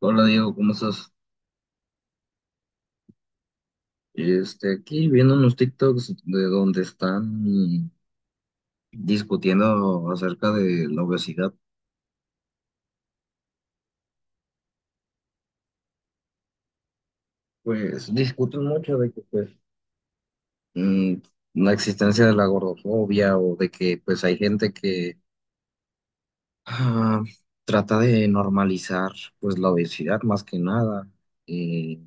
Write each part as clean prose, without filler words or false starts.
Hola Diego, ¿cómo estás? Aquí viendo unos TikToks de donde están discutiendo acerca de la obesidad. Pues discuten mucho de que mm, la existencia de la gordofobia, o de que pues hay gente que ah, trata de normalizar pues la obesidad más que nada, y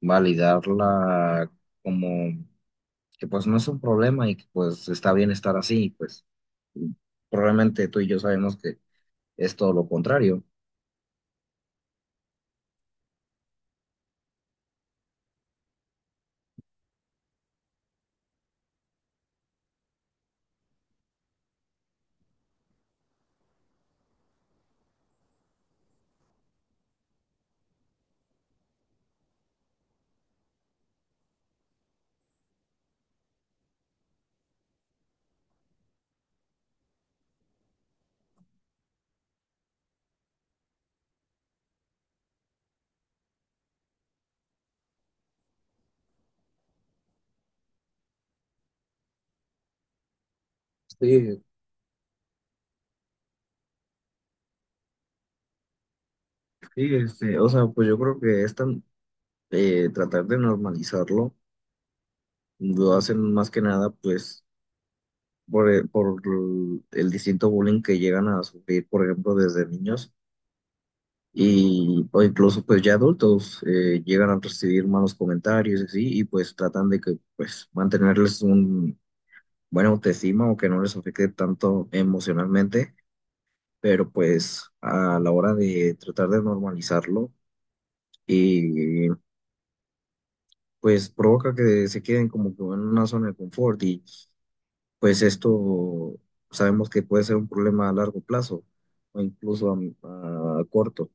validarla como que pues no es un problema y que pues está bien estar así. Pues probablemente tú y yo sabemos que es todo lo contrario. Sí, sí, este, o sea, pues yo creo que tratar de normalizarlo, lo hacen más que nada, pues, por el distinto bullying que llegan a sufrir, por ejemplo, desde niños. Y, o incluso, pues, ya adultos llegan a recibir malos comentarios y así, y pues tratan de que, pues, mantenerles un buena autoestima o que no les afecte tanto emocionalmente. Pero pues, a la hora de tratar de normalizarlo, y pues provoca que se queden como que en una zona de confort, y pues esto sabemos que puede ser un problema a largo plazo o incluso a corto.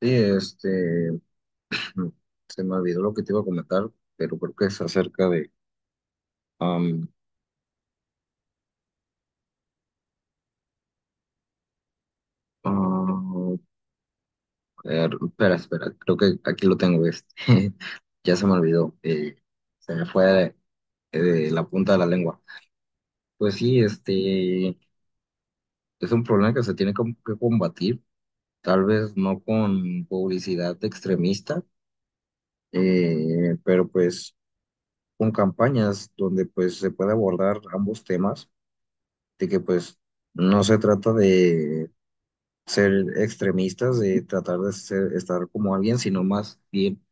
Sí, este, se me olvidó lo que te iba a comentar, pero creo que es acerca de... am, ah, espera, espera, creo que aquí lo tengo, este, ya se me olvidó, se me fue de la punta de la lengua. Pues sí, este, es un problema que se tiene como que combatir, tal vez no con publicidad extremista, pero pues con campañas donde pues se puede abordar ambos temas. De que pues no se trata de ser extremistas, de tratar de estar como alguien, sino más bien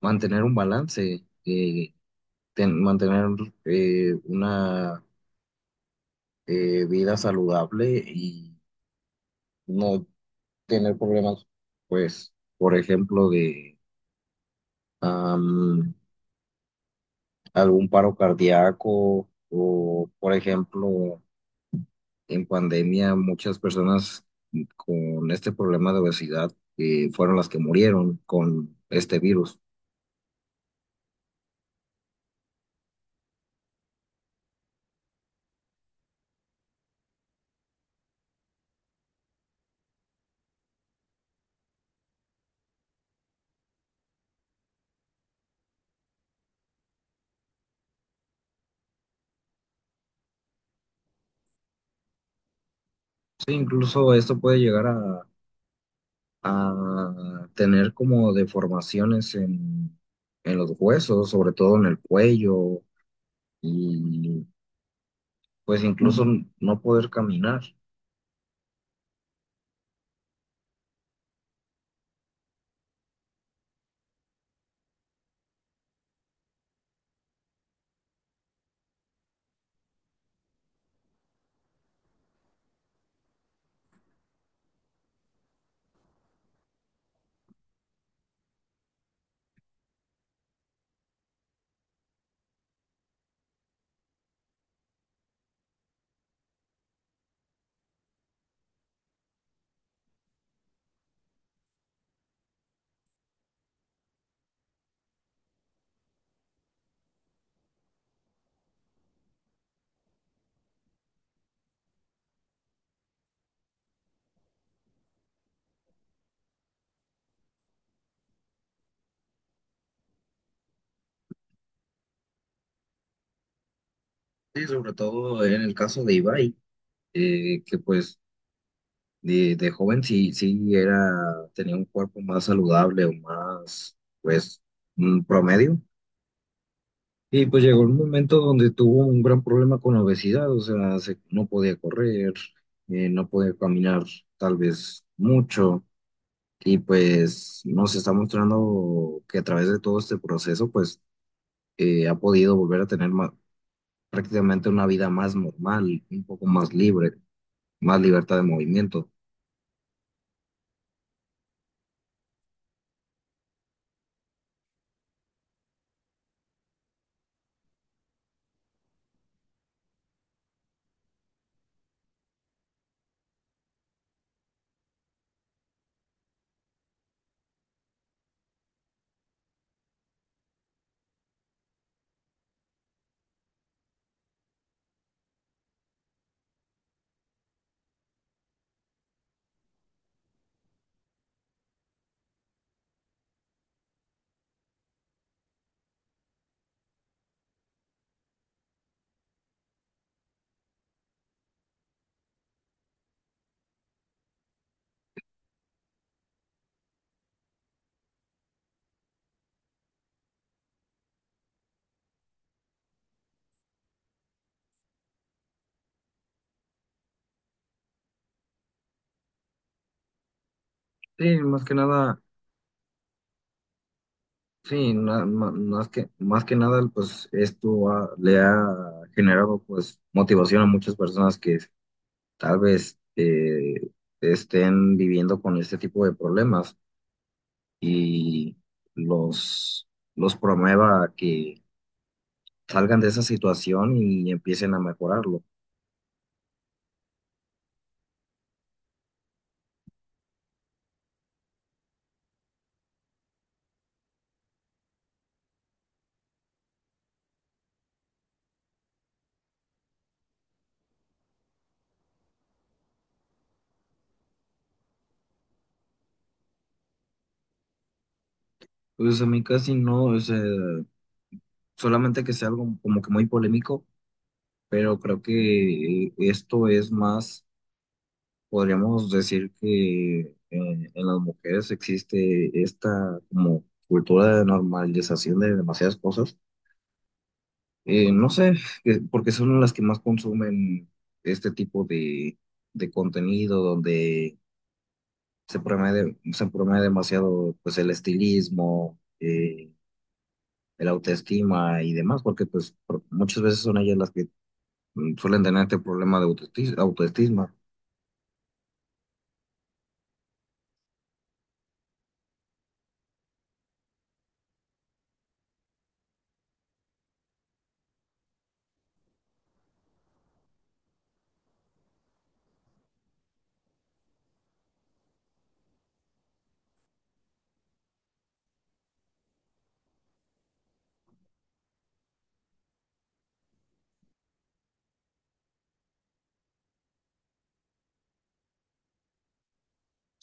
mantener un balance. Mantener una vida saludable, y no tener problemas, pues, por ejemplo, de... algún paro cardíaco. O, por ejemplo, en pandemia muchas personas con este problema de obesidad fueron las que murieron con este virus. Sí, incluso esto puede llegar a tener como deformaciones en los huesos, sobre todo en el cuello, y pues incluso no poder caminar. Sí, sobre todo en el caso de Ibai, que pues de joven sí, sí era, tenía un cuerpo más saludable o más, pues, mm, promedio. Y pues llegó el momento donde tuvo un gran problema con la obesidad, o sea, no podía correr, no podía caminar tal vez mucho. Y pues nos está mostrando que a través de todo este proceso, pues, ha podido volver a prácticamente una vida más normal, un poco más libre, más libertad de movimiento. Sí, más que nada. Sí, más que nada, pues le ha generado pues motivación a muchas personas que tal vez estén viviendo con este tipo de problemas, y los, los promueva a que salgan de esa situación y empiecen a mejorarlo. Pues a mí casi no, es, solamente que sea algo como que muy polémico. Pero creo que esto es más... Podríamos decir que en las mujeres existe esta como cultura de normalización de demasiadas cosas. No sé, porque son las que más consumen este tipo de contenido donde se promueve demasiado pues el estilismo, el autoestima y demás, porque pues muchas veces son ellas las que suelen tener este problema de autoestima.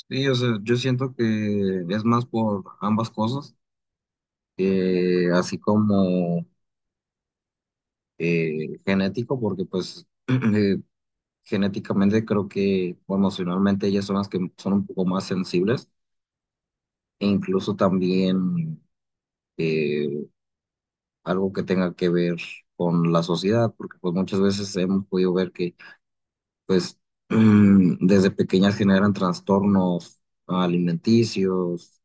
Sí, o sea, yo siento que es más por ambas cosas, así como genético, porque pues genéticamente creo que o emocionalmente ellas son las que son un poco más sensibles. E incluso también, eh, algo que tenga que ver con la sociedad, porque pues muchas veces hemos podido ver que pues desde pequeñas generan trastornos alimenticios,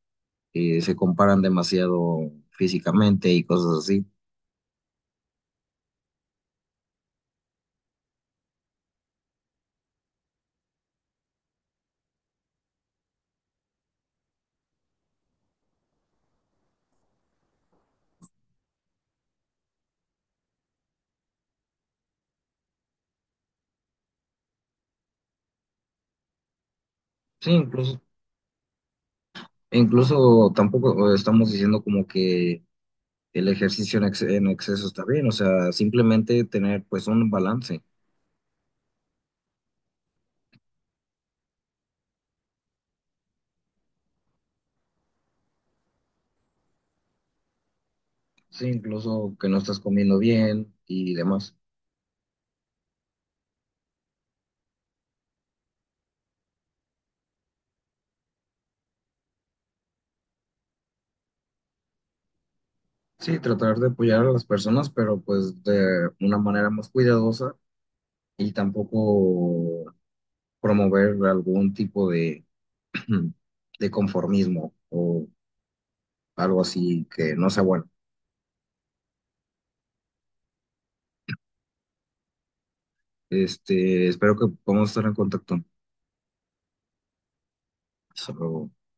se comparan demasiado físicamente y cosas así. Sí, incluso... E incluso tampoco estamos diciendo como que el ejercicio en exceso está bien, o sea, simplemente tener pues un balance. Sí, incluso que no estás comiendo bien y demás. Sí, tratar de apoyar a las personas, pero pues de una manera más cuidadosa. Y tampoco promover algún tipo de, de conformismo o algo así que no sea bueno. Este, espero que podamos estar en contacto. Solo